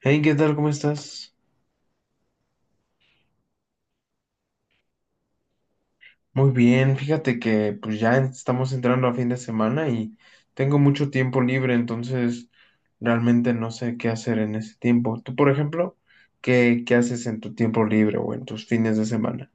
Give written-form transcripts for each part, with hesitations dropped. Hey, ¿qué tal? ¿Cómo estás? Muy bien, fíjate que pues ya estamos entrando a fin de semana y tengo mucho tiempo libre, entonces realmente no sé qué hacer en ese tiempo. Tú, por ejemplo, ¿qué haces en tu tiempo libre o en tus fines de semana?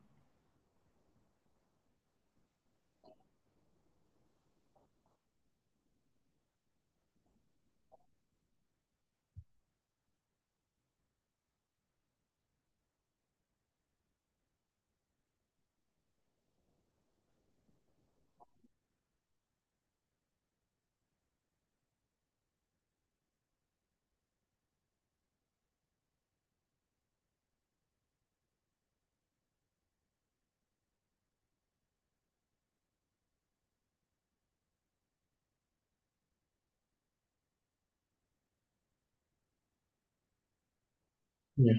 Ya.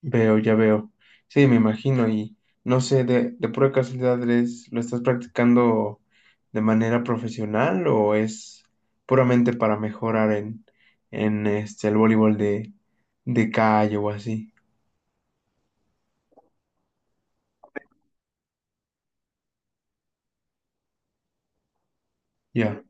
Veo, ya veo. Sí, me imagino y no sé, de pura casualidad, ¿eres- ¿lo estás practicando de manera profesional o es puramente para mejorar en este, el voleibol de calle o así? Ya,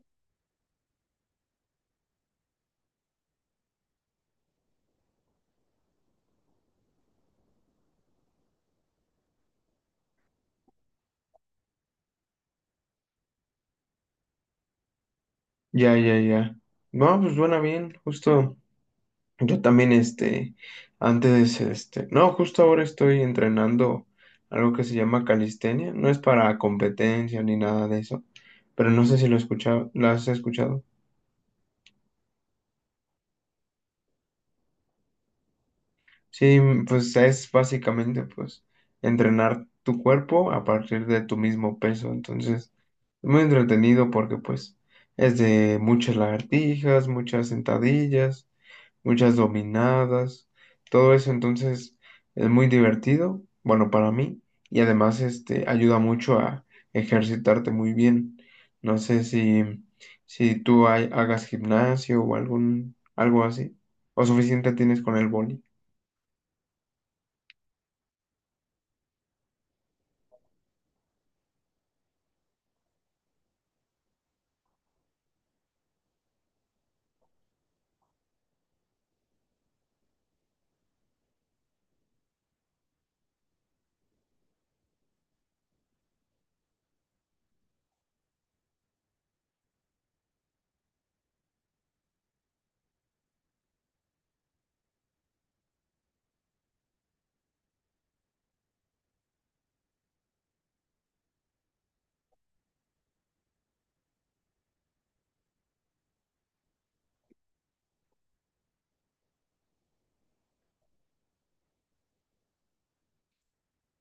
ya, ya, ya. No, pues suena bien, justo. Yo también, este, antes, este, no, justo ahora estoy entrenando algo que se llama calistenia. No es para competencia ni nada de eso, pero no sé si lo escucha, lo has escuchado. Sí, pues es básicamente, pues, entrenar tu cuerpo a partir de tu mismo peso. Entonces, es muy entretenido porque, pues, es de muchas lagartijas, muchas sentadillas, muchas dominadas, todo eso, entonces es muy divertido, bueno, para mí, y además este ayuda mucho a ejercitarte muy bien. No sé si, si tú hay- hagas gimnasio o algún, algo así, o suficiente tienes con el boli.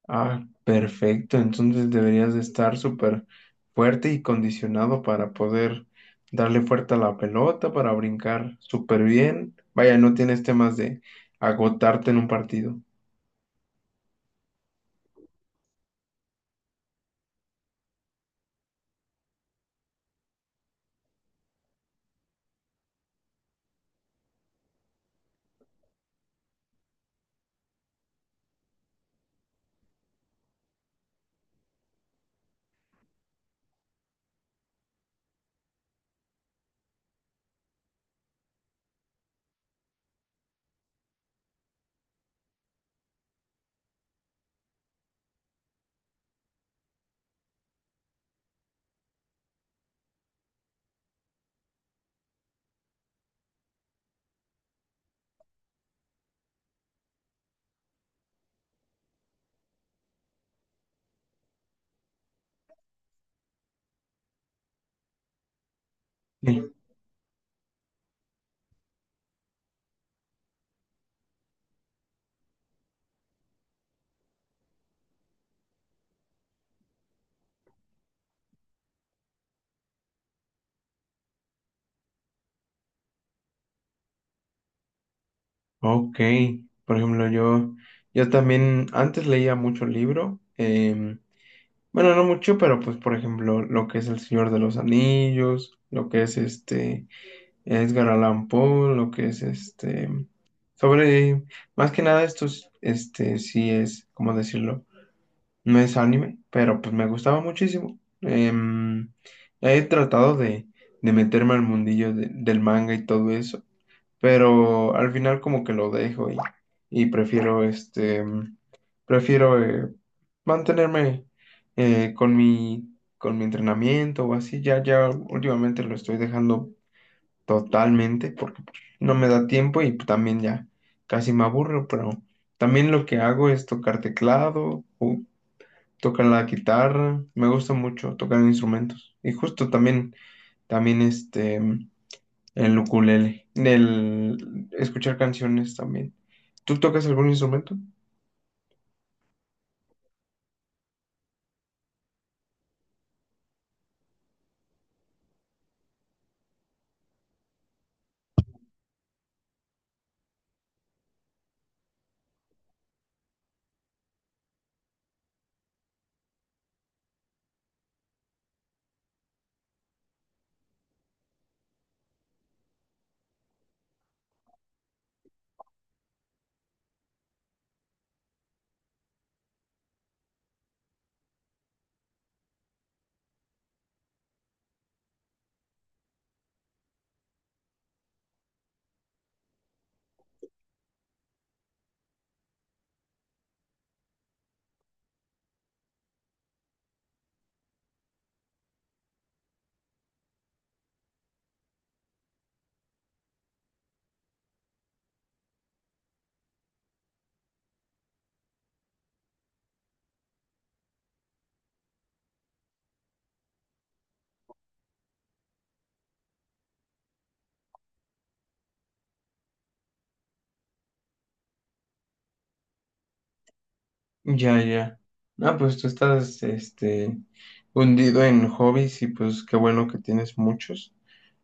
Ah, perfecto, entonces deberías de estar súper fuerte y condicionado para poder darle fuerte a la pelota, para brincar súper bien. Vaya, no tienes temas de agotarte en un partido. Sí. Ok, por ejemplo, yo también antes leía mucho libro, bueno, no mucho, pero pues por ejemplo, lo que es El Señor de los Anillos, lo que es este Edgar Allan Poe, lo que es este, sobre, más que nada esto es, este, sí es, ¿cómo decirlo? No es anime, pero pues me gustaba muchísimo. He tratado de meterme al mundillo de- del manga y todo eso, pero al final como que lo dejo y prefiero este, prefiero mantenerme con mi entrenamiento o así, ya, ya últimamente lo estoy dejando totalmente porque pues, no me da tiempo y pues, también ya casi me aburro, pero también lo que hago es tocar teclado o tocar la guitarra, me gusta mucho tocar instrumentos y justo también, también este... el ukulele. El escuchar canciones también. ¿Tú tocas algún instrumento? Ya, ya. Ah, pues tú estás, este, hundido en hobbies y pues qué bueno que tienes muchos.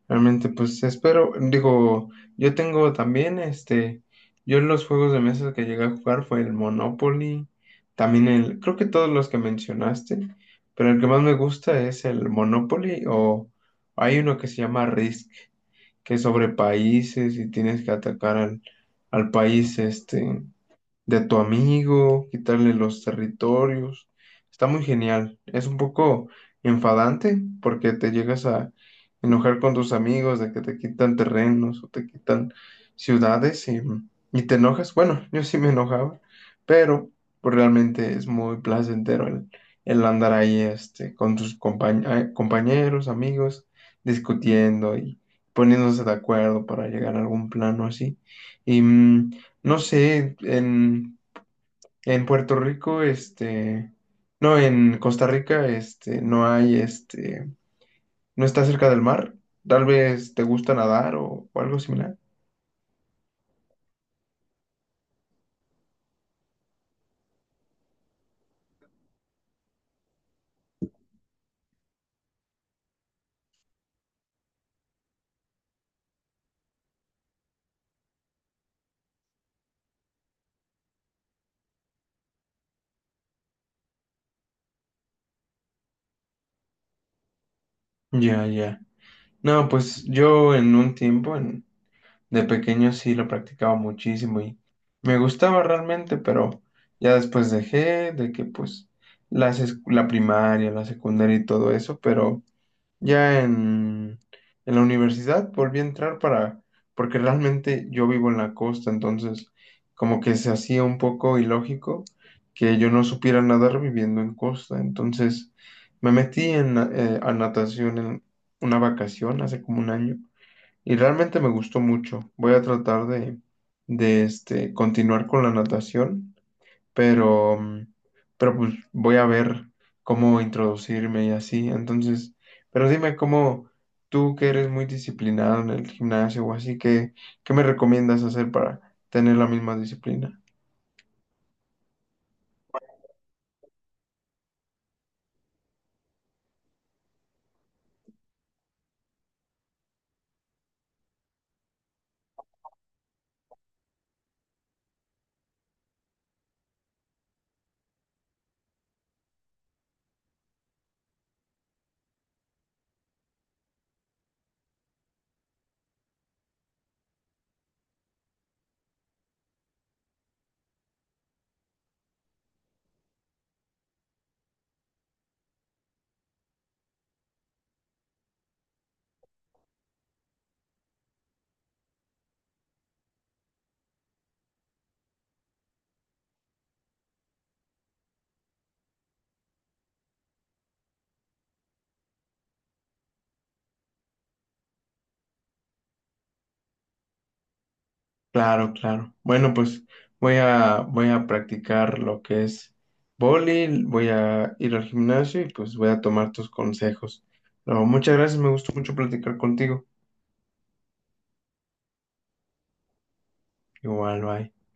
Realmente, pues espero, digo, yo tengo también, este, yo en los juegos de mesa que llegué a jugar fue el Monopoly, también el, creo que todos los que mencionaste, pero el que más me gusta es el Monopoly o hay uno que se llama Risk, que es sobre países y tienes que atacar al, al país este, de tu amigo, quitarle los territorios. Está muy genial. Es un poco enfadante porque te llegas a enojar con tus amigos de que te quitan terrenos o te quitan ciudades y te enojas. Bueno, yo sí me enojaba, pero pues realmente es muy placentero el andar ahí este, con tus compañeros, amigos, discutiendo y poniéndose de acuerdo para llegar a algún plano así. Y, no sé, en Puerto Rico, este, no, en Costa Rica, este, no hay, este, no está cerca del mar. Tal vez te gusta nadar o algo similar. Ya, ya. No, pues yo en un tiempo, en, de pequeño sí lo practicaba muchísimo y me gustaba realmente, pero ya después dejé de que pues las, es- la primaria, la secundaria y todo eso, pero... Ya en la universidad volví a entrar para, porque realmente yo vivo en la costa, entonces como que se hacía un poco ilógico que yo no supiera nadar viviendo en costa. Entonces me metí en, a natación en una vacación hace como un año y realmente me gustó mucho. Voy a tratar de este, continuar con la natación pero, pero pues voy a ver cómo introducirme y así. Entonces, pero dime cómo tú que eres muy disciplinado en el gimnasio o así, ¿qué me recomiendas hacer para tener la misma disciplina? Claro, claro. Bueno, pues voy a, voy a practicar lo que es vóley, voy a ir al gimnasio y pues voy a tomar tus consejos. No, muchas gracias, me gustó mucho platicar contigo. Igual, bye.